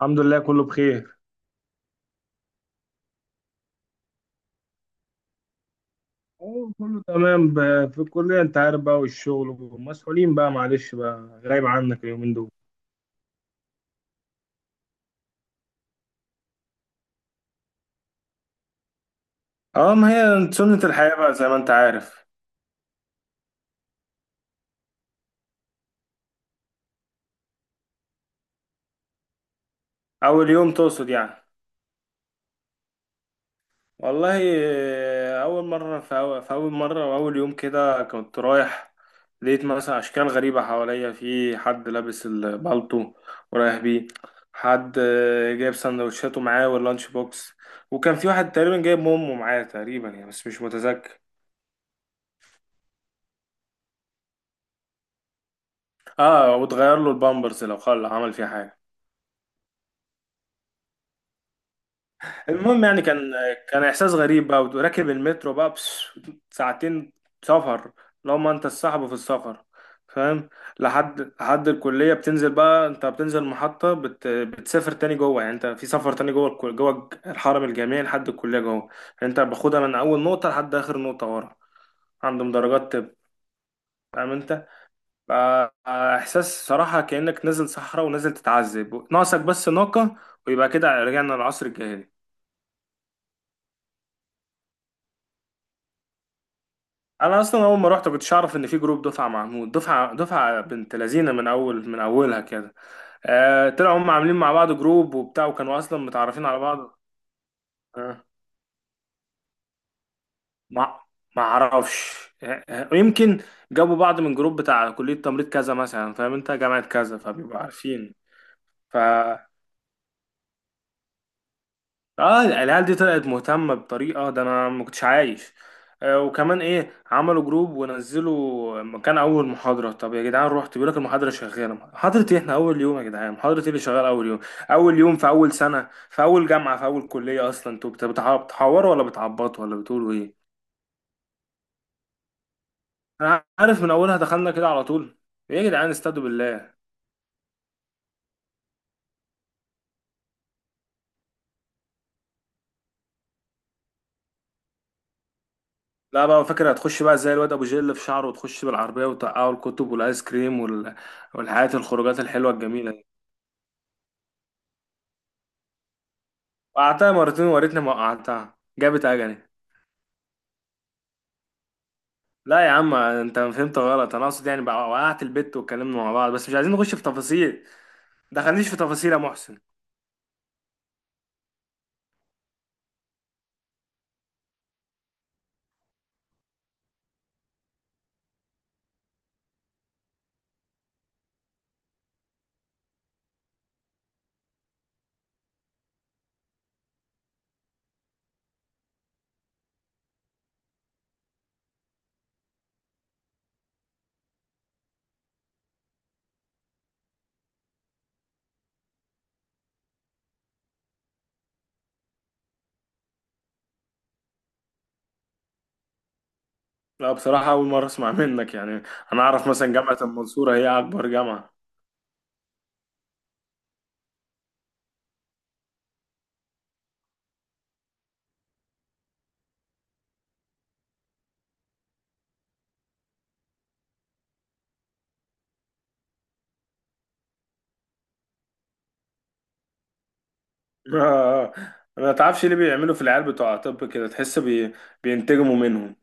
الحمد لله كله بخير. كله تمام في الكلية انت عارف بقى والشغل ومسؤولين بقى، معلش بقى غايب عنك اليومين دول. اه ما هي سنة الحياة بقى زي ما انت عارف. اول يوم تقصد يعني؟ والله آه، اول مرة في في اول مرة واول يوم كده كنت رايح، لقيت مثلا اشكال غريبة حواليا، في حد لابس البالطو ورايح بيه، حد آه، جايب سندوتشاته معاه واللانش بوكس، وكان في واحد تقريبا جايب امه معاه تقريبا يعني بس مش متذكر. اه وتغير له البامبرز لو خل عمل فيها حاجه. المهم يعني كان، كان احساس غريب بقى، وراكب المترو بقى بس ساعتين سفر، لو ما انت الصاحب في السفر فاهم. لحد الكليه، بتنزل بقى، انت بتنزل المحطه بتسافر تاني جوه، يعني انت في سفر تاني جوه جوه الحرم الجامعي لحد الكليه جوه، يعني انت باخدها من اول نقطه لحد اخر نقطه، ورا عندهم درجات طب، فاهم انت؟ آه، آه، احساس صراحة كأنك نازل صحراء ونازل تتعذب، ناقصك بس ناقة، ويبقى كده رجعنا للعصر الجاهلي. انا اصلا اول ما رحت كنتش اعرف ان في جروب دفعة محمود، دفعة بنت لذينة من اول من اولها كده. آه طلعوا هم عاملين مع بعض جروب وبتاع، وكانوا اصلا متعرفين على بعض. آه ما ما اعرفش. آه، آه، يمكن جابوا بعض من جروب بتاع كلية تمريض كذا مثلا، فاهم انت، جامعة كذا، فبيبقوا عارفين. ف اه العيال دي طلعت مهتمة بطريقة، ده انا ما كنتش عايش. آه وكمان ايه، عملوا جروب ونزلوا مكان اول محاضرة، طب يا جدعان، رحت بيقول لك المحاضرة شغالة، محاضرة ايه احنا اول يوم، يا جدعان محاضرة ايه اللي شغال اول يوم؟ اول يوم في اول سنة في اول جامعة في اول كلية اصلا، انتوا بتحوروا ولا بتعبطوا ولا بتقولوا ايه؟ انا عارف من اولها دخلنا كده على طول. ايه يا جدعان استهدوا بالله. لا بقى، فاكر هتخش بقى زي الواد ابو جيل في شعره، وتخش بالعربية وتقعوا الكتب والايس كريم والحاجات الخروجات الحلوة الجميلة. وقعتها مرتين، ووريتني ما وقعتها جابت اجلي. لا يا عم انت فهمت غلط، انا اقصد يعني بقى وقعت البت واتكلمنا مع بعض، بس مش عايزين نخش في تفاصيل. دخلنيش في تفاصيل يا محسن. لا بصراحة أول مرة أسمع منك يعني. أنا أعرف مثلا جامعة المنصورة هي أكبر جامعة. آه، ما تعرفش ليه بيعملوا في العيال بتوع طب كده؟ تحس بينتجموا منهم.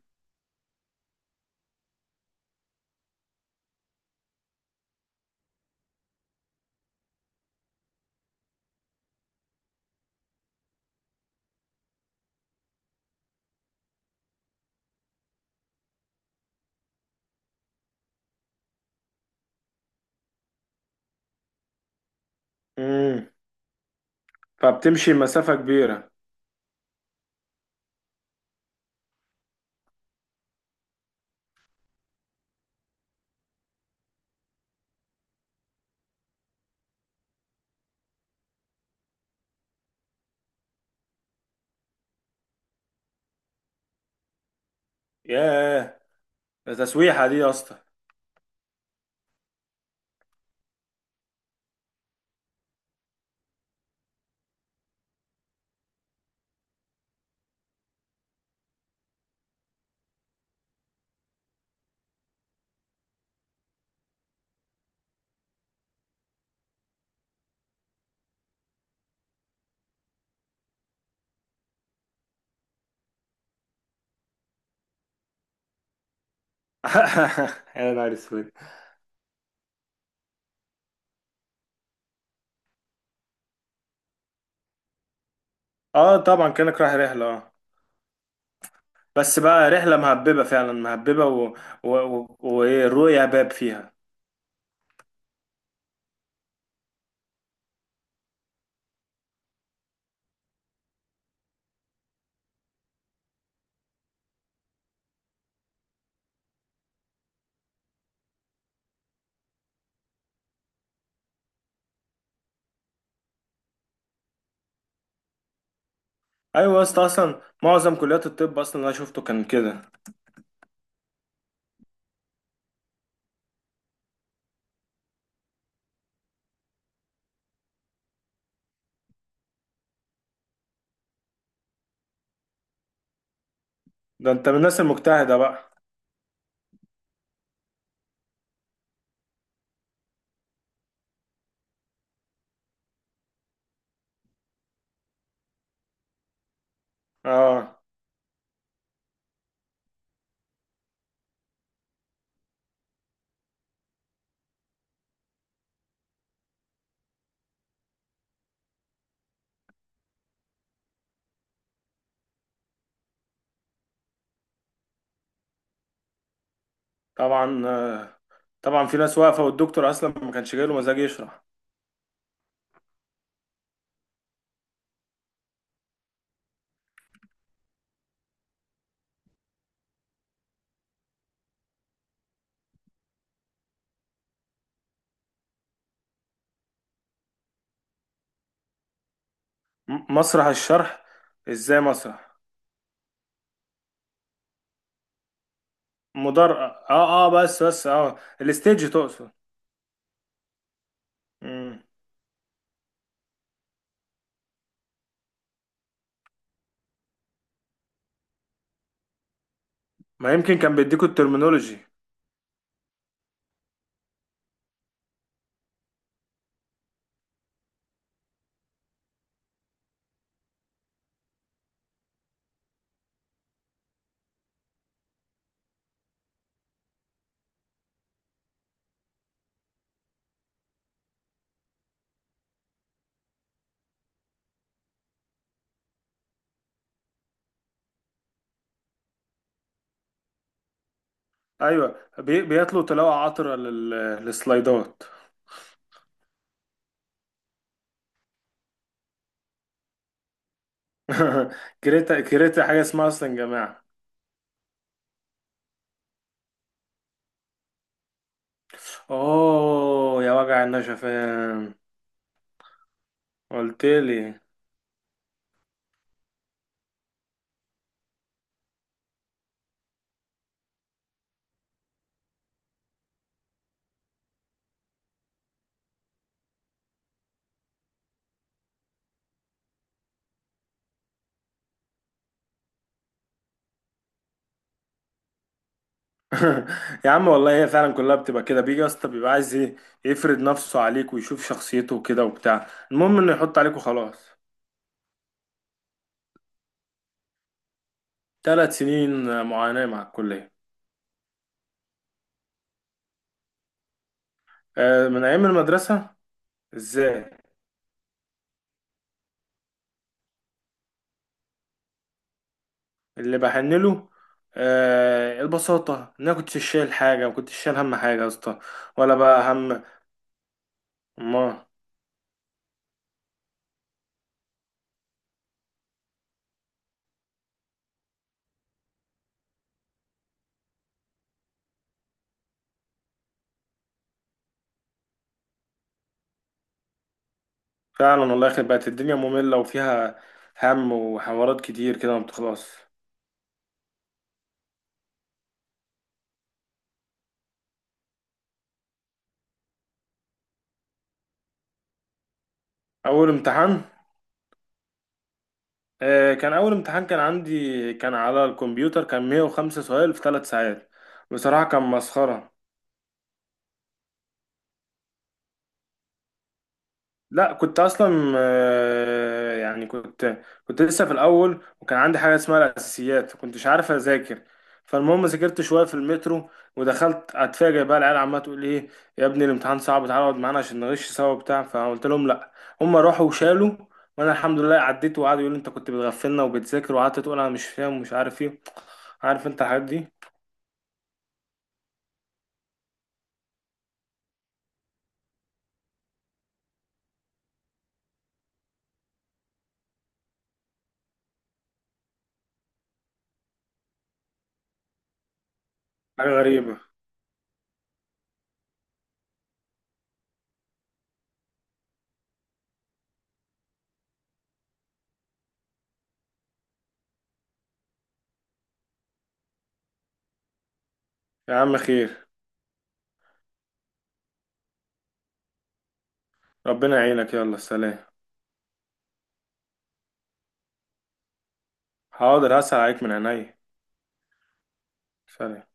امم، فبتمشي مسافة كبيرة. ياه، ده تسويحة دي يا اسطى. يا نهار اسود. اه طبعا كأنك رايح رحلة، اه. بس بقى رحلة مهببة فعلا، مهببة و... و... و... وإيه، الرؤية باب فيها. أيوة يا اسطى، أصلا معظم كليات الطب أصلا اللي أنا شفته كان كده. ده أنت من الناس المجتهدة بقى. آه طبعا، آه، طبعا في ناس واقفة، والدكتور أصلا ما كانش جايله مزاج يشرح. مسرح الشرح، إزاي مسرح؟ مدر آه آه، بس آه الستيج تقصد. مم، ما يمكن كان بيديكوا الترمينولوجي. أيوة بيطلوا تلاقوا عطرة للسلايدات. كريتا كريتا حاجة اسمها أصلا جماعة. أوه يا وجع النشفان. قلت لي. يا عم والله هي فعلا كلها بتبقى كده، بيجي يا اسطى بيبقى عايز ايه؟ يفرض نفسه عليك ويشوف شخصيته وكده وبتاع، المهم انه يحط عليك وخلاص. ثلاث سنين معاناة مع الكلية. آه، من أيام المدرسة. ازاي؟ اللي بحن له، آه، البساطة، إن أنا كنتش شايل حاجة، ما كنتش شايل هم حاجة يا اسطى، ولا بقى هم. أمال. فعلا والله يخرب، بقت الدنيا مملة وفيها هم وحوارات كتير كده ما بتخلص. أول امتحان؟ آه، كان أول امتحان كان عندي كان على الكمبيوتر، كان 105 سؤال في ثلاث ساعات. بصراحة كان مسخرة. لا كنت اصلا آه، يعني كنت، كنت لسه في الاول، وكان عندي حاجه اسمها الاساسيات، فكنتش عارف اذاكر. فالمهم ذاكرت شويه في المترو، ودخلت اتفاجئ بقى العيال عماله تقول ايه، يا ابني الامتحان صعب تعالى اقعد معانا عشان نغش سوا وبتاع، فقلت لهم لا. هم راحوا وشالوا، وانا الحمد لله عديت، وقعدوا يقولوا انت كنت بتغفلنا وبتذاكر، وقعدت تقول انا مش فاهم ومش عارف ايه. عارف انت الحاجات دي. حاجه غريبه. يا عم خير. ربنا يعينك، يلا سلام. حاضر هسأل عليك من عينيا. سلام.